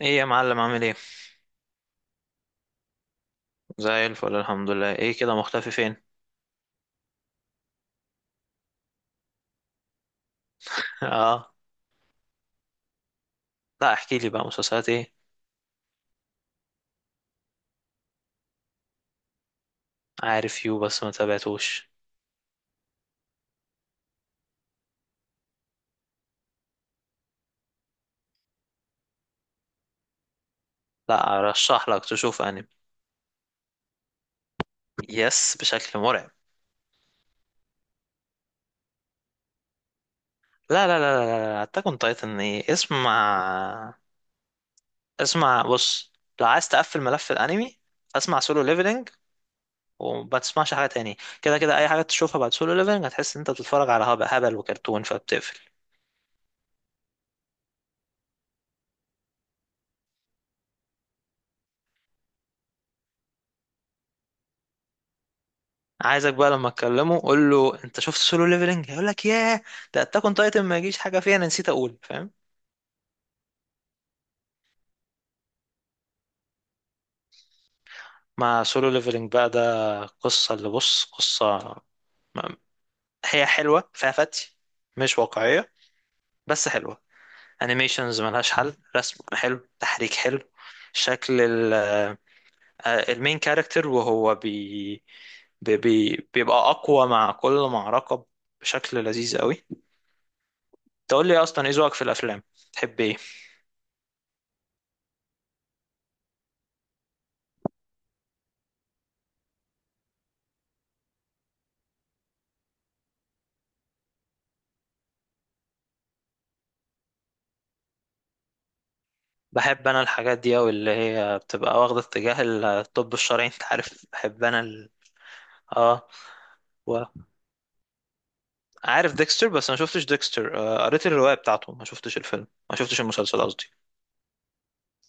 ايه يا معلم عامل ايه؟ زي الفل، الحمد لله. ايه كده مختفي فين؟ اه. لا، احكي لي بقى مسلسلات ايه؟ عارف يو بس ما تابعتوش. لا، ارشح لك تشوف انمي. يس، بشكل مرعب. لا لا لا لا لا، اتاك اون تايتن ايه؟ اسمع. اسمع، بص، لو عايز تقفل ملف الانمي اسمع سولو ليفلنج وما تسمعش حاجه تاني. كده كده اي حاجه تشوفها بعد سولو ليفلنج هتحس ان انت بتتفرج على هبل وكرتون فبتقفل. عايزك بقى لما اكلمه قول له: انت شفت سولو ليفلنج؟ هيقول لك: ياه، ده اتاك اون تايتن ما يجيش حاجه فيها. انا نسيت اقول، فاهم؟ مع سولو ليفلنج بقى ده، قصه، اللي، بص قصه م- هي حلوه فيها فتي، مش واقعيه بس حلوه. انيميشنز ملهاش حل، رسم حلو تحريك حلو. شكل المين كاركتر وهو بيبقى اقوى مع كل معركه بشكل لذيذ قوي. تقول لي إيه اصلا، ايه ذوقك في الافلام؟ تحب ايه؟ بحب انا الحاجات دي اوي اللي هي بتبقى واخدة اتجاه الطب الشرعي، انت عارف، بحب انا اه. وعارف ديكستر بس ما شفتش ديكستر، قريت الرواية بتاعته، ما شفتش الفيلم، ما شفتش المسلسل قصدي.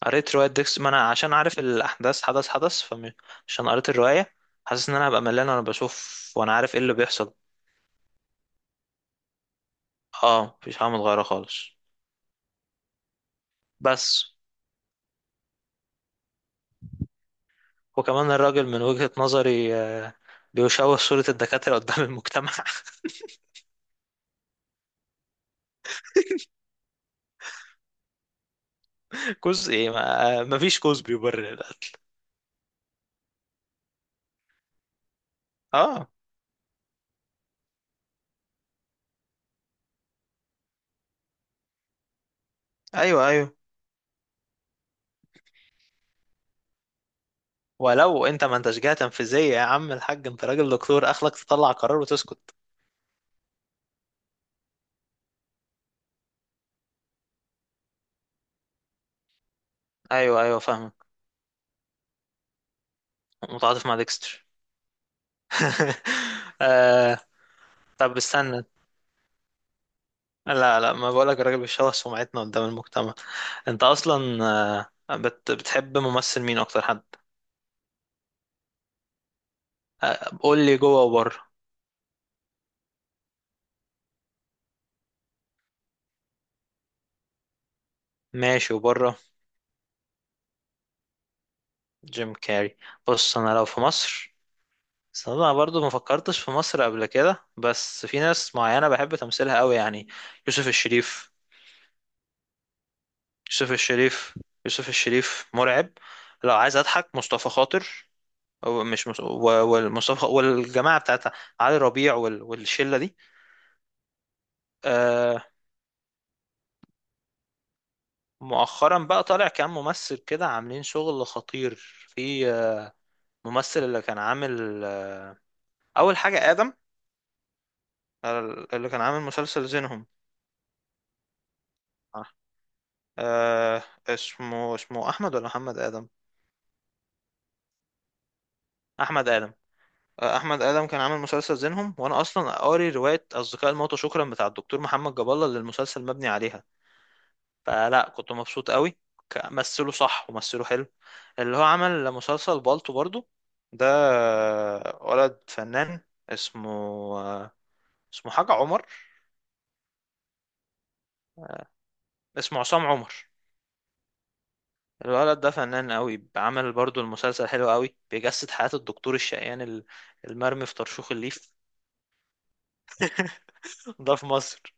قريت رواية ديكستر، ما انا عشان عارف الاحداث حدث حدث، فعشان قريت الرواية حاسس ان انا هبقى ملان وانا بشوف وانا عارف ايه اللي بيحصل. اه مفيش حاجة متغيرة خالص. بس وكمان الراجل من وجهة نظري بيشوه صورة الدكاترة قدام المجتمع. جزء ايه، ما فيش جزء بيبرر القتل. اه، ايوه ايوه. ولو انت ما انتش جهة تنفيذية يا عم الحاج، انت راجل دكتور، اخلك تطلع قرار وتسكت. ايوه ايوه، فاهمك. متعاطف مع ديكستر؟ آه. طب استنى. لا لا، ما بقولك الراجل بيشوه سمعتنا قدام المجتمع. انت اصلا آه، بت بتحب ممثل مين اكتر حد؟ قول لي جوه وبره. ماشي، وبره جيم كاري. بص انا لو في مصر، بس انا برضو ما فكرتش في مصر قبل كده، بس في ناس معينة بحب تمثيلها قوي يعني. يوسف الشريف. يوسف الشريف. يوسف الشريف مرعب. لو عايز اضحك مصطفى خاطر، أو مش مص... و- والمصطفى والجماعة بتاعتها، علي ربيع والشلة دي. آه، مؤخرا بقى طالع كام ممثل كده عاملين شغل خطير. في ممثل اللي كان عامل اول حاجة آدم، اللي كان عامل مسلسل زينهم. آه آه، اسمه احمد ولا محمد آدم؟ احمد ادم. احمد ادم كان عامل مسلسل زينهم، وانا اصلا قاري روايه اصدقاء الموتى، شكرا، بتاع الدكتور محمد جاب الله اللي المسلسل مبني عليها. فلا كنت مبسوط قوي. مثله صح ومثله حلو. اللي هو عمل مسلسل بالطو برضو ده، ولد فنان، اسمه آه، اسمه حاجه عمر، اسمه عصام عمر. الولد ده فنان قوي، عمل برضو المسلسل حلو قوي، بيجسد حياة الدكتور الشقيان المرمي في طرشوخ الليف. ده في مصر.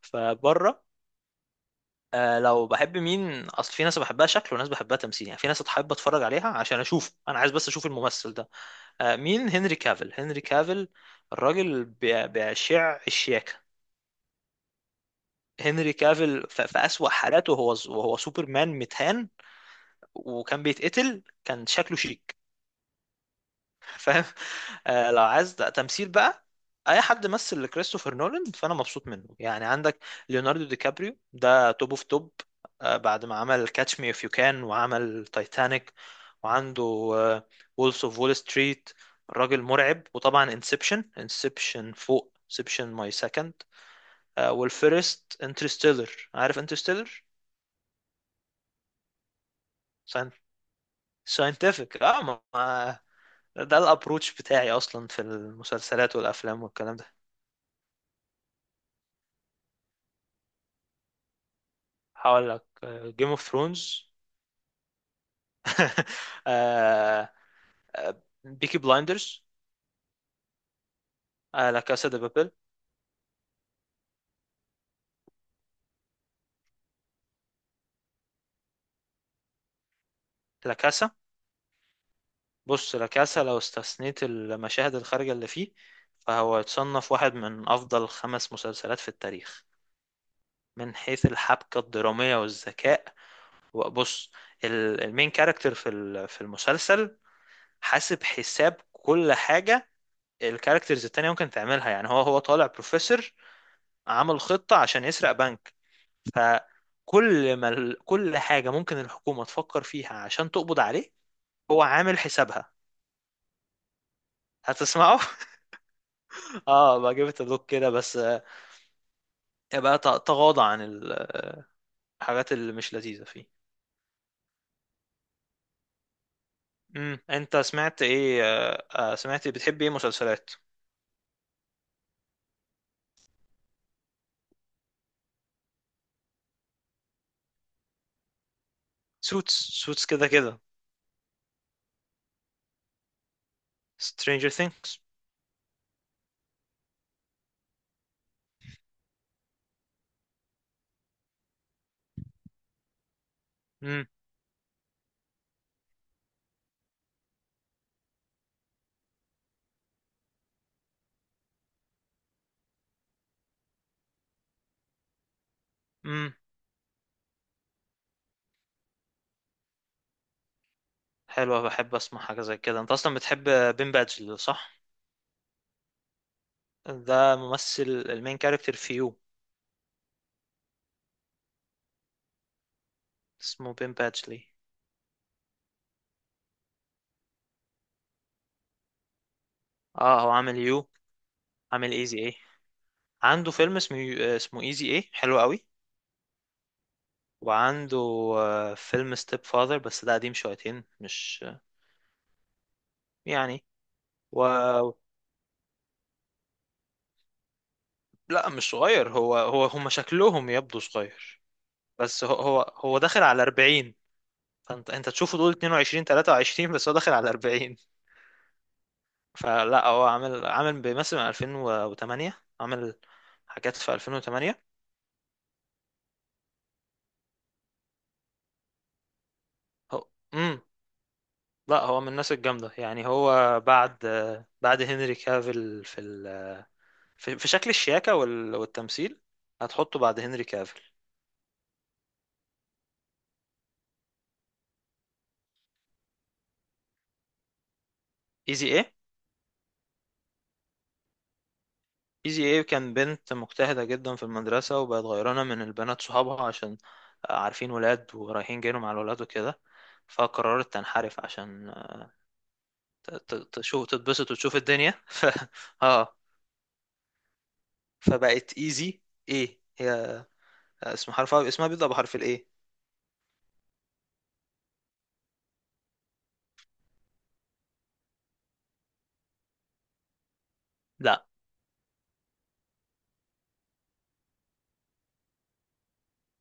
فبره، آه لو بحب مين، اصل في ناس بحبها شكل وناس بحبها تمثيل يعني، في ناس بحب اتفرج عليها عشان اشوف، انا عايز بس اشوف الممثل ده. آه مين؟ هنري كافيل. هنري كافيل الراجل بيشع الشياكة. هنري كافيل في أسوأ حالاته، وهو سوبرمان متهان وكان بيتقتل كان شكله شيك، فاهم؟ آه لو عايز تمثيل بقى، اي حد مثل لكريستوفر نولان فانا مبسوط منه يعني. عندك ليوناردو دي كابريو ده توب اوف توب. آه، بعد ما عمل كاتش مي اف يو كان، وعمل تايتانيك، وعنده وولفز اوف وول ستريت. راجل مرعب، وطبعا انسبشن فوق انسبشن، ماي سكند. والفيرست انترستيلر، عارف انترستيلر، ساينتفك. اه ده الابروتش بتاعي اصلا في المسلسلات والافلام والكلام ده. هقول لك: جيم اوف ثرونز، بيكي بلايندرز، لا كاسا دي بابل. لا كاسا. بص، لا كاسا لو استثنيت المشاهد الخارجة اللي فيه فهو يتصنف واحد من أفضل خمس مسلسلات في التاريخ، من حيث الحبكة الدرامية والذكاء. وبص، المين كاركتر في في المسلسل حاسب حساب كل حاجة. الكاركترز التانية ممكن تعملها يعني. هو طالع بروفيسور، عمل خطة عشان يسرق بنك. فكل ما كل حاجة ممكن الحكومة تفكر فيها عشان تقبض عليه. هو عامل حسابها، هتسمعه. اه بقى، جبت دوك كده بس، يبقى تغاضى عن الحاجات اللي مش لذيذة فيه. انت سمعت ايه سمعت إيه؟ بتحب ايه مسلسلات؟ سوتس. سوتس كده كده. Stranger Things. امم، امم. حلوة، بحب اسمع حاجة زي كده. انت اصلا بتحب بين بادجلي، صح؟ ده ممثل، المين كاركتر في يو. اسمه بين بادجلي. اه، هو عامل يو، عامل ايزي ايه. عنده فيلم اسمه ايزي ايه، حلو قوي. وعنده فيلم ستيب فاذر بس ده قديم شويتين، مش يعني و... لا مش صغير، هو هم شكلهم يبدو صغير. بس هو داخل على 40. فانت تشوفه تقول 22 23، بس هو داخل على 40. فلا، هو عامل بيمثل من 2008، عامل حاجات في 2008. هو لا، هو من الناس الجامدة يعني. هو بعد هنري كافيل في في شكل الشياكة والتمثيل. هتحطه بعد هنري كافيل. ايزي ايه؟ ايزي ايه كان بنت مجتهدة جدا في المدرسة وبقت غيرانة من البنات صحابها عشان عارفين ولاد ورايحين جايين مع الولاد وكده، فقررت تنحرف عشان تشوف تتبسط وتشوف الدنيا. اه، فبقت ايزي ايه. هي اسمها بيبدأ بحرف الايه. لا،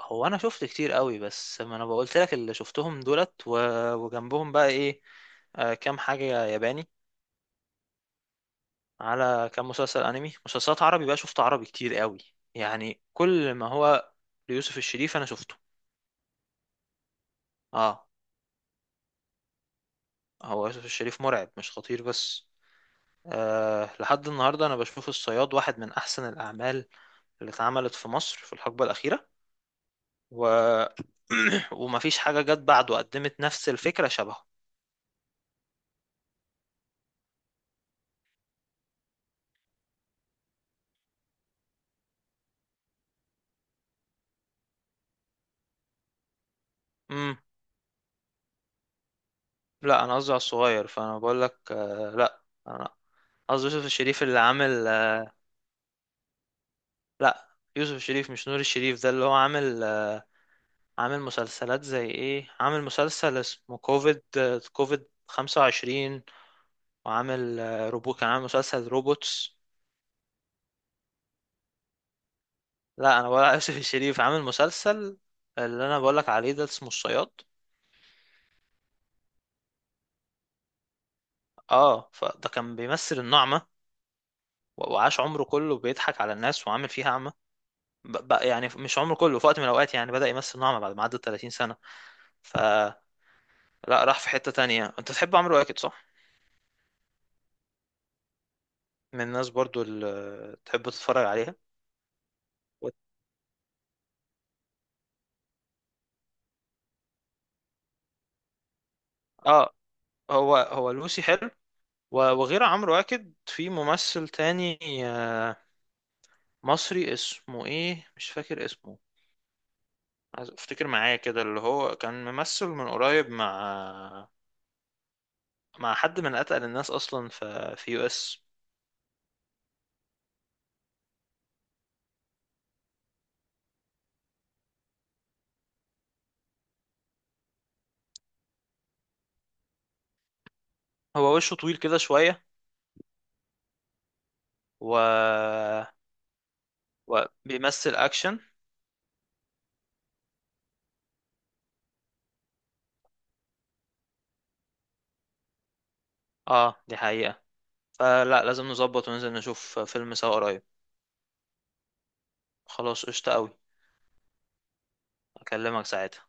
هو انا شفت كتير قوي بس ما انا بقولت لك اللي شفتهم دولت وجنبهم بقى ايه، كام حاجة ياباني، على كام مسلسل انمي. مسلسلات عربي بقى شفت عربي كتير قوي، يعني كل ما هو ليوسف الشريف انا شفته. اه، هو يوسف الشريف مرعب، مش خطير بس. آه لحد النهارده انا بشوف الصياد واحد من احسن الاعمال اللي اتعملت في مصر في الحقبه الاخيره، و ومفيش حاجه جت بعده قدمت نفس الفكره شبهه. امم، لا انا قصدي على الصغير فانا بقول لك لا، انا قصدي يوسف الشريف اللي عامل لا، يوسف الشريف مش نور الشريف. ده اللي هو عامل، مسلسلات زي ايه؟ عامل مسلسل اسمه كوفيد، كوفيد 25. وعامل آه، روبو كان عامل مسلسل روبوتس. لا انا ولا يوسف الشريف عامل مسلسل، اللي انا بقولك عليه ده اسمه الصياد. اه، فده كان بيمثل النعمة، وعاش عمره كله بيضحك على الناس وعامل فيها أعمى. بقى يعني مش عمره كله، في وقت من الأوقات يعني بدأ يمثل نعمة بعد ما عدى 30 سنة. فلا، راح في حتة تانية. أنت تحب عمرو واكد، صح؟ من الناس برضو اللي تحب تتفرج عليها. اه، هو لوسي حلو. وغير عمرو واكد في ممثل تاني آه، مصري، اسمه ايه مش فاكر اسمه. عايز افتكر معايا كده، اللي هو كان ممثل من قريب مع حد من اتقل الناس اصلا في يو اس. هو وشه طويل كده شوية، و وبيمثل اكشن. اه دي حقيقة. فلا لازم نظبط وننزل نشوف فيلم سوا قريب. خلاص قشطة قوي. اكلمك ساعتها.